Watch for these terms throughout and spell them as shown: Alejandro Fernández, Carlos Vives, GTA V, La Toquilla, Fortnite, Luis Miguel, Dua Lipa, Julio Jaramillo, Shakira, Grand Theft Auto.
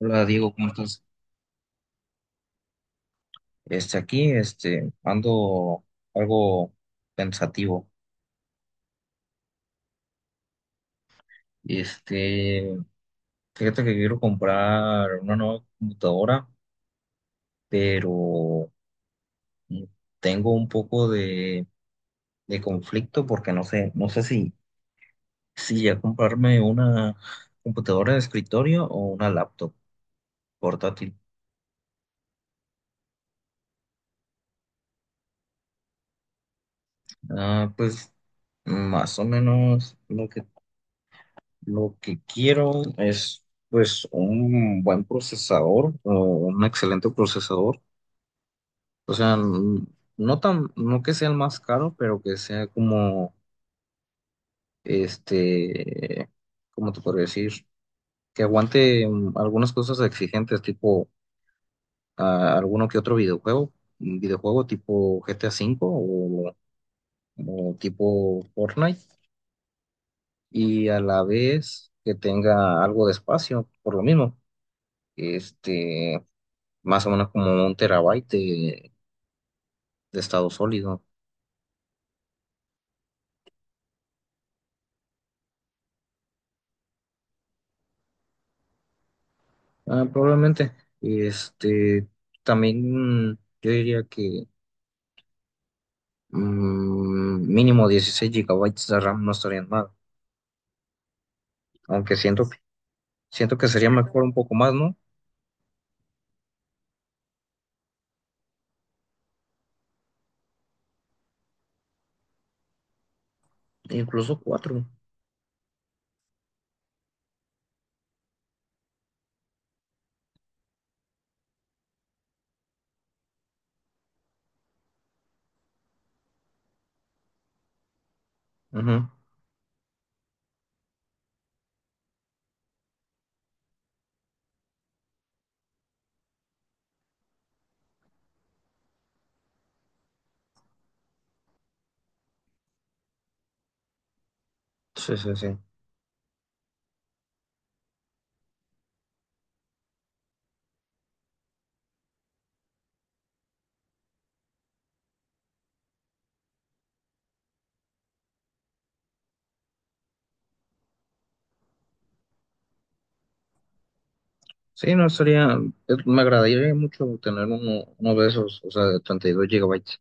Hola Diego, ¿cómo estás? Aquí, ando algo pensativo. Este, Fíjate que quiero comprar una nueva computadora, pero mm, tengo un poco de conflicto porque no sé si ya comprarme una computadora de escritorio o una laptop portátil. Pues más o menos lo que quiero es, pues, un buen procesador o un excelente procesador. O sea, no tan, no que sea el más caro, pero que sea como, este, ¿cómo te podría decir? Que aguante algunas cosas exigentes, tipo alguno que otro videojuego, un videojuego tipo GTA V o tipo Fortnite, y a la vez que tenga algo de espacio, por lo mismo. Este. Más o menos como 1 TB de estado sólido. Probablemente. Este, También yo diría que mínimo 16 GB de RAM no estarían mal, aunque siento que sería mejor un poco más, ¿no? Incluso cuatro. Ujú. Sí, sí, sí. Sí, no estaría, me agradaría mucho tener uno de esos, o sea, de 32 GB.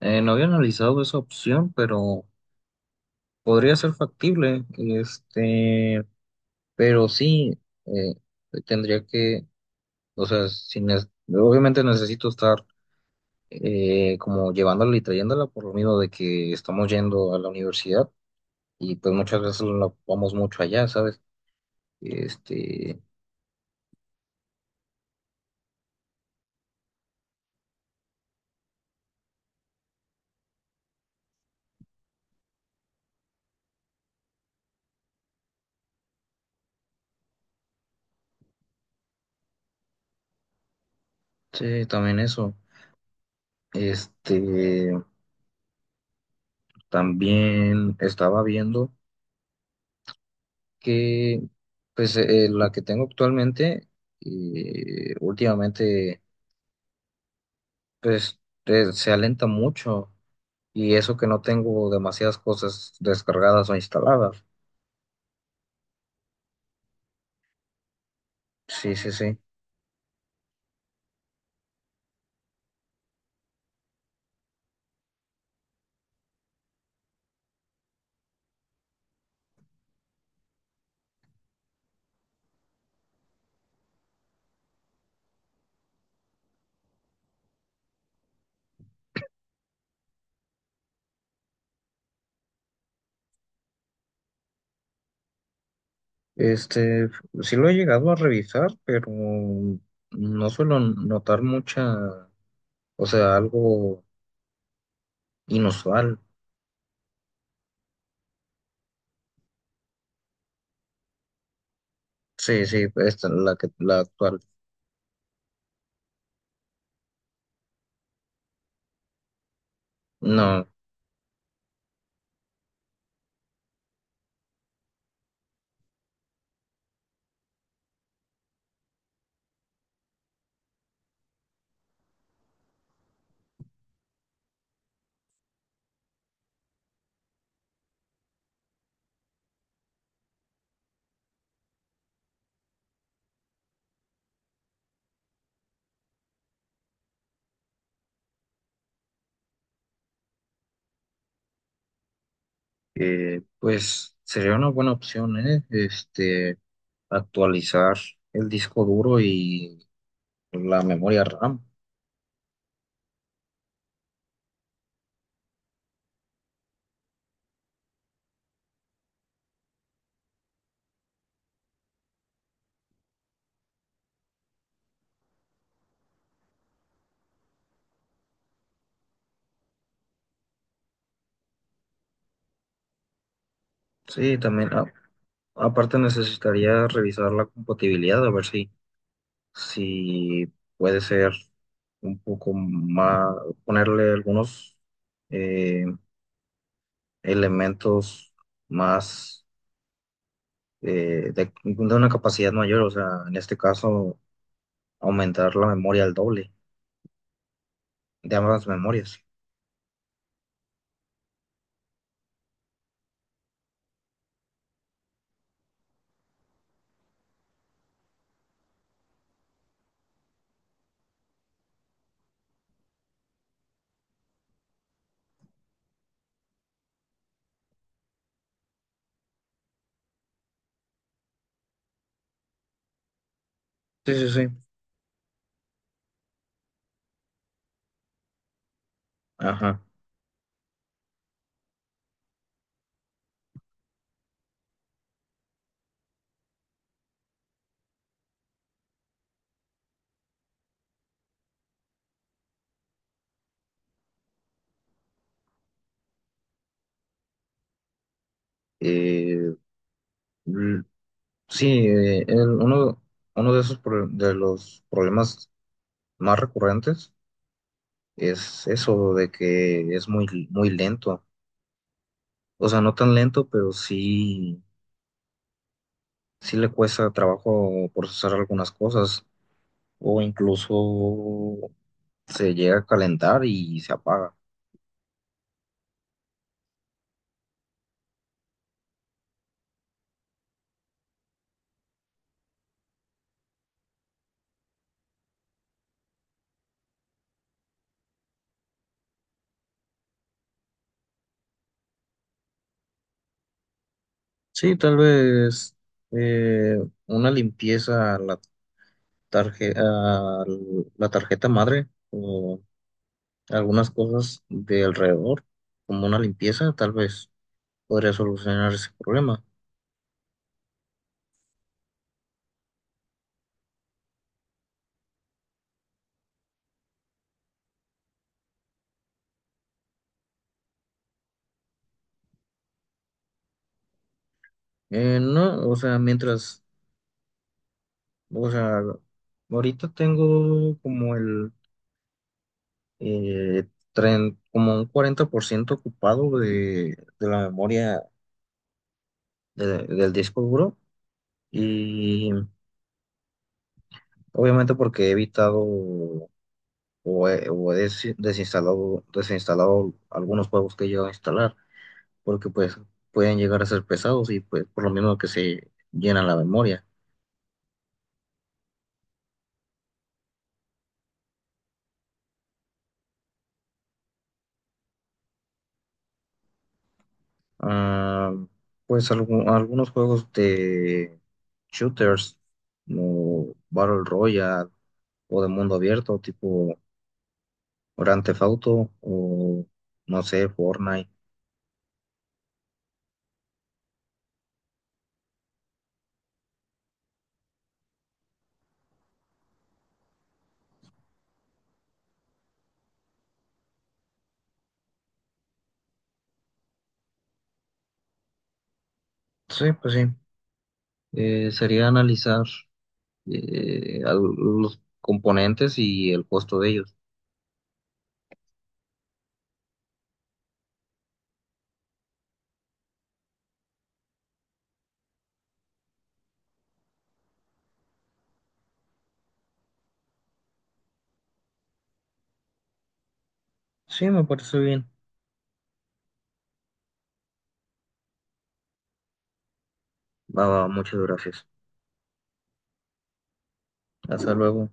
No había analizado esa opción, pero podría ser factible. Pero sí, eh, tendría que, o sea, si nes- obviamente necesito estar como llevándola y trayéndola por lo mismo de que estamos yendo a la universidad y pues muchas veces no vamos mucho allá, ¿sabes? Este, sí, también eso. Este, también estaba viendo que, pues, la que tengo actualmente, últimamente, pues, se alenta mucho. Y eso que no tengo demasiadas cosas descargadas o instaladas. Sí, sí, sí. Este, sí lo he llegado a revisar, pero no suelo notar mucha, o sea, algo inusual. Sí, sí, esta, la que, la actual. No, pues sería una buena opción, ¿eh? Actualizar el disco duro y la memoria RAM. Sí, también, aparte necesitaría revisar la compatibilidad, a ver si si puede ser un poco más, ponerle algunos eh, elementos más de una capacidad mayor, o sea, en este caso, aumentar la memoria al doble de ambas memorias. Sí, sí, sí. Ajá. Eh, l- sí, uno de los problemas más recurrentes es eso de que es muy, muy lento. O sea, no tan lento, pero sí le cuesta trabajo procesar algunas cosas o incluso se llega a calentar y se apaga. Sí, tal vez eh, una limpieza a la a la tarjeta madre o algunas cosas de alrededor, como una limpieza, tal vez podría solucionar ese problema. No, o sea, mientras, o sea, ahorita tengo como eh, como un 40% ocupado de la memoria del disco duro y obviamente porque he evitado desinstalado algunos juegos que he llegado a instalar porque pues pueden llegar a ser pesados y pues por lo mismo que se llena la memoria. Ah, pues algunos juegos de shooters como Battle Royale o de mundo abierto tipo Grand Theft Auto o no sé, Fortnite. Sí, pues sí. Sería analizar los componentes y el costo de ellos. Sí, me parece bien. Va, va, muchas gracias. Hasta luego.